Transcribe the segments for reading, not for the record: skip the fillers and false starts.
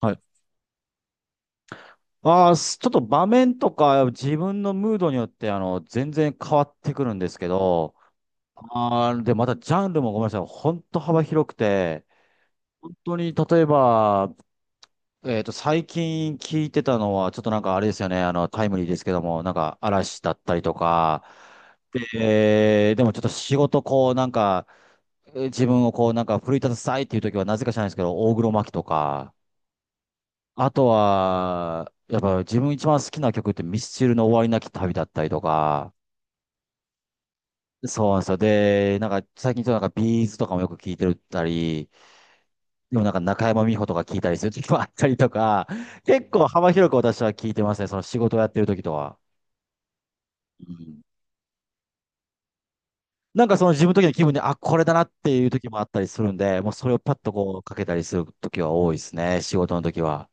はい。ああ、ちょっと場面とか自分のムードによって全然変わってくるんですけど、で、またジャンルもごめんなさい、本当幅広くて、本当に例えば、最近聞いてたのは、ちょっとなんかあれですよね、タイムリーですけども、なんか嵐だったりとか、で、でもちょっと仕事こうなんか、自分をこうなんか奮い立たせたいっていう時はなぜか知らないですけど、大黒摩季とか、あとは、やっぱ自分一番好きな曲ってミスチルの終わりなき旅だったりとか、そうなんですよ。で、なんか最近ちょっとなんかビーズとかもよく聞いてるったり、でもなんか中山美穂とか聞いたりする時もあったりとか、結構幅広く私は聞いてますね。その仕事をやってる時とは。うん。なんかその自分の時の気分で、あ、これだなっていう時もあったりするんで、もうそれをパッとこうかけたりする時は多いですね。仕事の時は。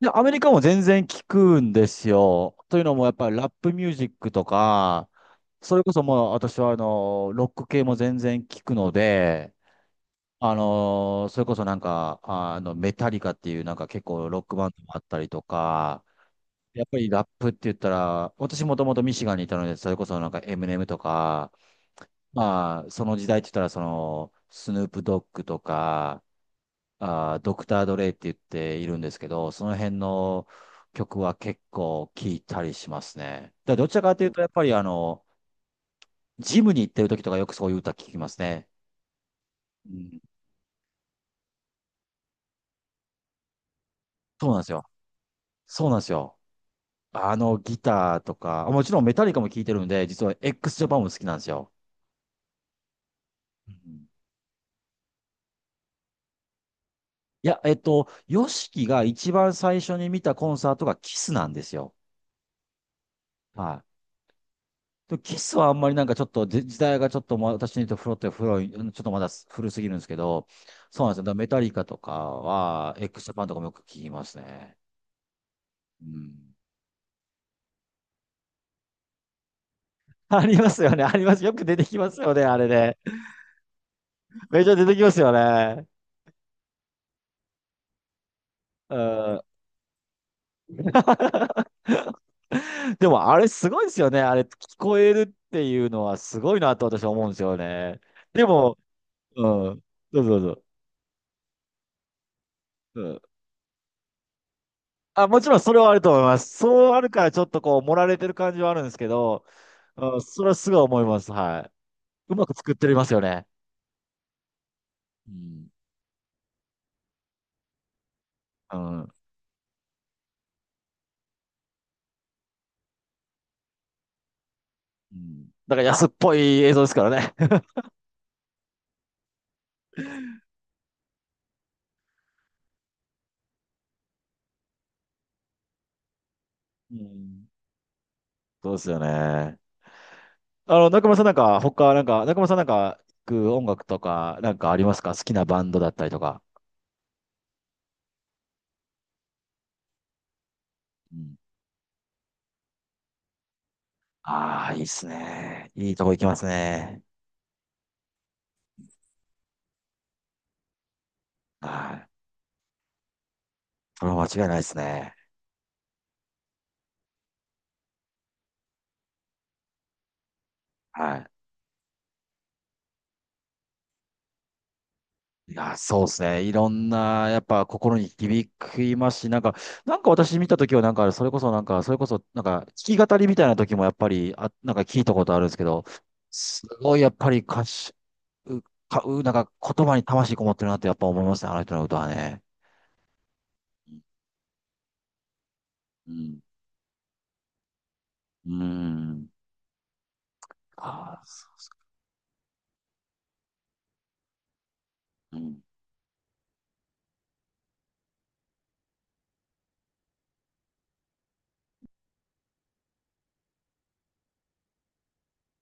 いや、アメリカも全然聞くんですよ。というのも、やっぱりラップミュージックとか、それこそもう私はロック系も全然聞くので、それこそなんか、メタリカっていうなんか結構ロックバンドもあったりとか、やっぱりラップって言ったら、私もともとミシガンにいたので、それこそなんか M&M とか、まあ、その時代って言ったらその、スヌープドッグとか、ドクター・ドレイって言っているんですけど、その辺の曲は結構聴いたりしますね。だどちらかというと、やっぱりジムに行ってる時とかよくそういう歌聴きますね。うん、そうなんですよ。そうなんですよ。ギターとか、もちろんメタリカも聴いてるんで、実は Xジャパンも好きなんですよ。うん。いや、ヨシキが一番最初に見たコンサートがキスなんですよ。はい。でキスはあんまりなんかちょっと時代がちょっと私にとフロって古い、ちょっとまだ古すぎるんですけど、そうなんですよ。だからメタリカとかは、エクスジャパンとかもよく聞きますね。うん。ありますよね。あります。よく出てきますよね。あれね。めっちゃ出てきますよね。うん。でもあれすごいですよね。あれ聞こえるっていうのはすごいなと私は思うんですよね。でも、うん。どうぞどうぞ。うん。あ、もちろんそれはあると思います。そうあるからちょっとこう、盛られてる感じはあるんですけど、うん、それはすごい思います。はい。うまく作ってますよね。うん。うん。うん。だから安っぽい映像ですからね。うん。そうですよね。中村さんなんか、聞く音楽とか、なんかありますか？好きなバンドだったりとか。うん。ああ、いいっすね。いいとこ行きますね。はい。それは間違いないですね。はい。いや、そうですね。いろんな、やっぱ心に響きますし、なんか、なんか私見たときは、それこそ、なんか、弾き語りみたいな時も、やっぱり、あ、なんか聞いたことあるんですけど、すごい、やっぱり歌詞、う、か、う、なんか、言葉に魂こもってるなって、やっぱ思いますね、あの人の歌はね。うん。うん。ああ、うん。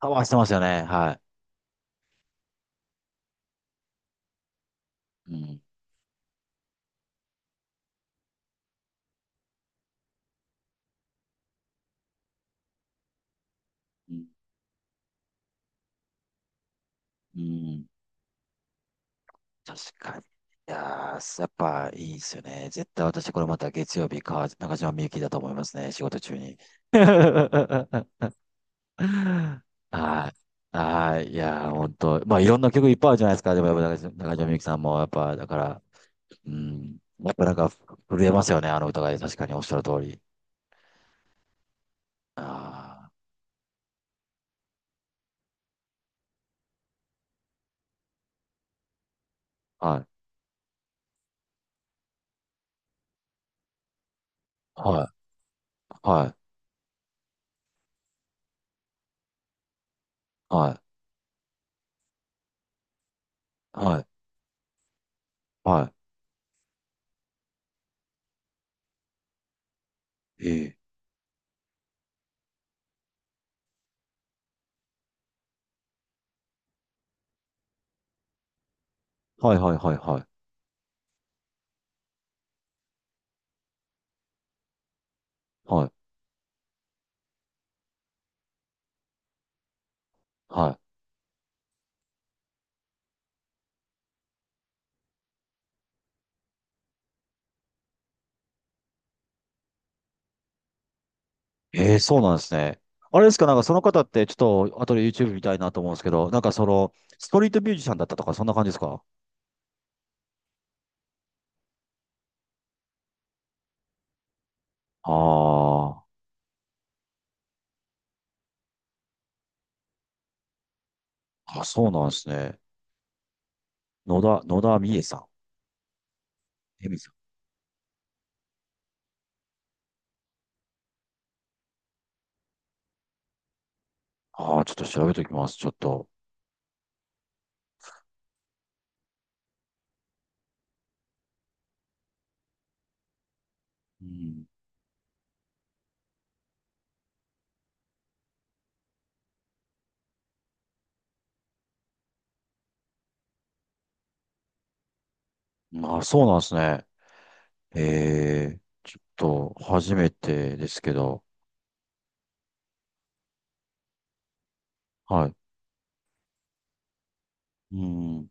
パワーしてますよね。はい。うん。うん。うん確かに。いやー、やっぱいいですよね。絶対私これまた月曜日か、中島みゆきだと思いますね。仕事中に。はい。はい。いやー、本当。まあ、いろんな曲いっぱいあるじゃないですか。でもやっぱ中島みゆきさんも、やっぱ、だから、うん。やっぱなんか震えますよね。あの歌が確かにおっしゃる通り。ああ。はい。はい。はい。はい。はい。はい。ええ。はいはいはいはい。はい。はい。ええ、そうなんですね。あれですか、なんかその方って、ちょっと、後で YouTube 見たいなと思うんですけど、なんかその、ストリートミュージシャンだったとか、そんな感じですか？ああー、あ、そうなんですね。野田美恵さん。恵美さん。ああ、ちょっと調べておきます、ちょっと。うん。まあ、そうなんですね。ええ、ちょっと、初めてですけど。はい。うん。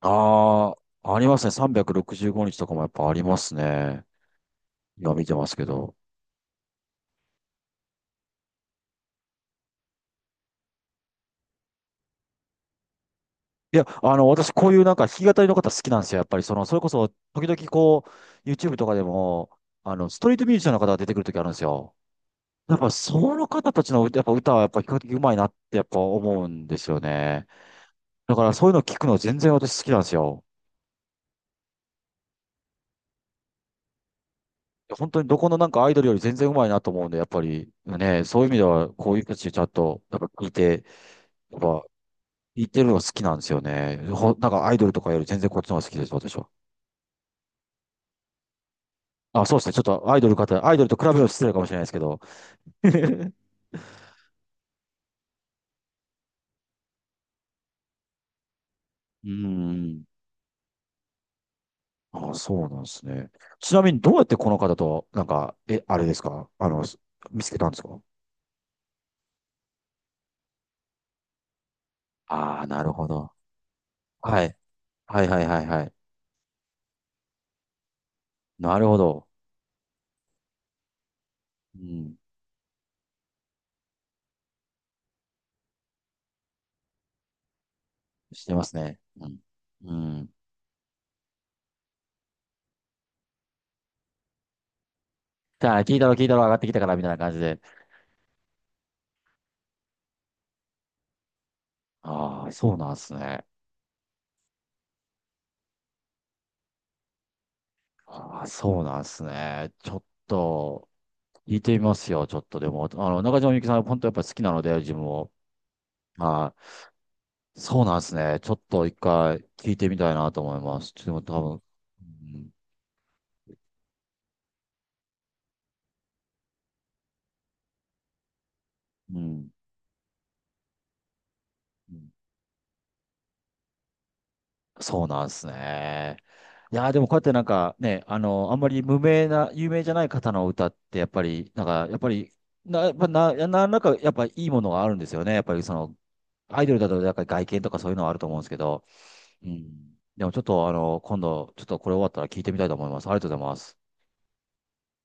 ああ、ありますね。365日とかもやっぱありますね。今見てますけど。いや、私、こういうなんか弾き語りの方好きなんですよ。やっぱり、その、それこそ、時々こう、YouTube とかでも、ストリートミュージシャンの方が出てくる時あるんですよ。やっぱ、その方たちの、やっぱ歌は、やっぱ比較的うまいなって、やっぱ思うんですよね。だから、そういうの聞くの全然私好きなんですよ。本当にどこのなんかアイドルより全然うまいなと思うんで、やっぱり、ね、そういう意味では、こういう人たちちゃんと、やっぱ聞いて、やっぱ、聞いてるのが好きなんですよね。なんかアイドルとかより全然こっちの方が好きです、私は。あ、そうですね。ちょっとアイドルと比べるの失礼かもしれないですけど、うーん。あ、そうなんですね。ちなみにどうやってこの方と、なんか、あれですか見つけたんですか？ああー、なるほど。はい。はいはいはいはい。なるほど。うん。してますね。うん。うん。じゃあ、聞いたろ聞いたろ上がってきたからみたいな感じで。ああ、そうなんですね。ああ、そうなんですね。ちょっと、聞いてみますよ。ちょっとでも、中島みゆきさん、本当やっぱ好きなので、自分を。はい。そうなんですね。ちょっと一回聞いてみたいなと思います。ちょっと多分、うん、うんうん、そうなんですね。いやー、でもこうやってなんかね、あんまり無名な、有名じゃない方の歌って、やっぱり、なんか、やっぱり、な、やっぱな、ななんか、やっぱいいものがあるんですよね。やっぱりその、アイドルだと、なんか外見とかそういうのはあると思うんですけど、うん。でもちょっと、今度、ちょっとこれ終わったら聞いてみたいと思います。ありがとうございます。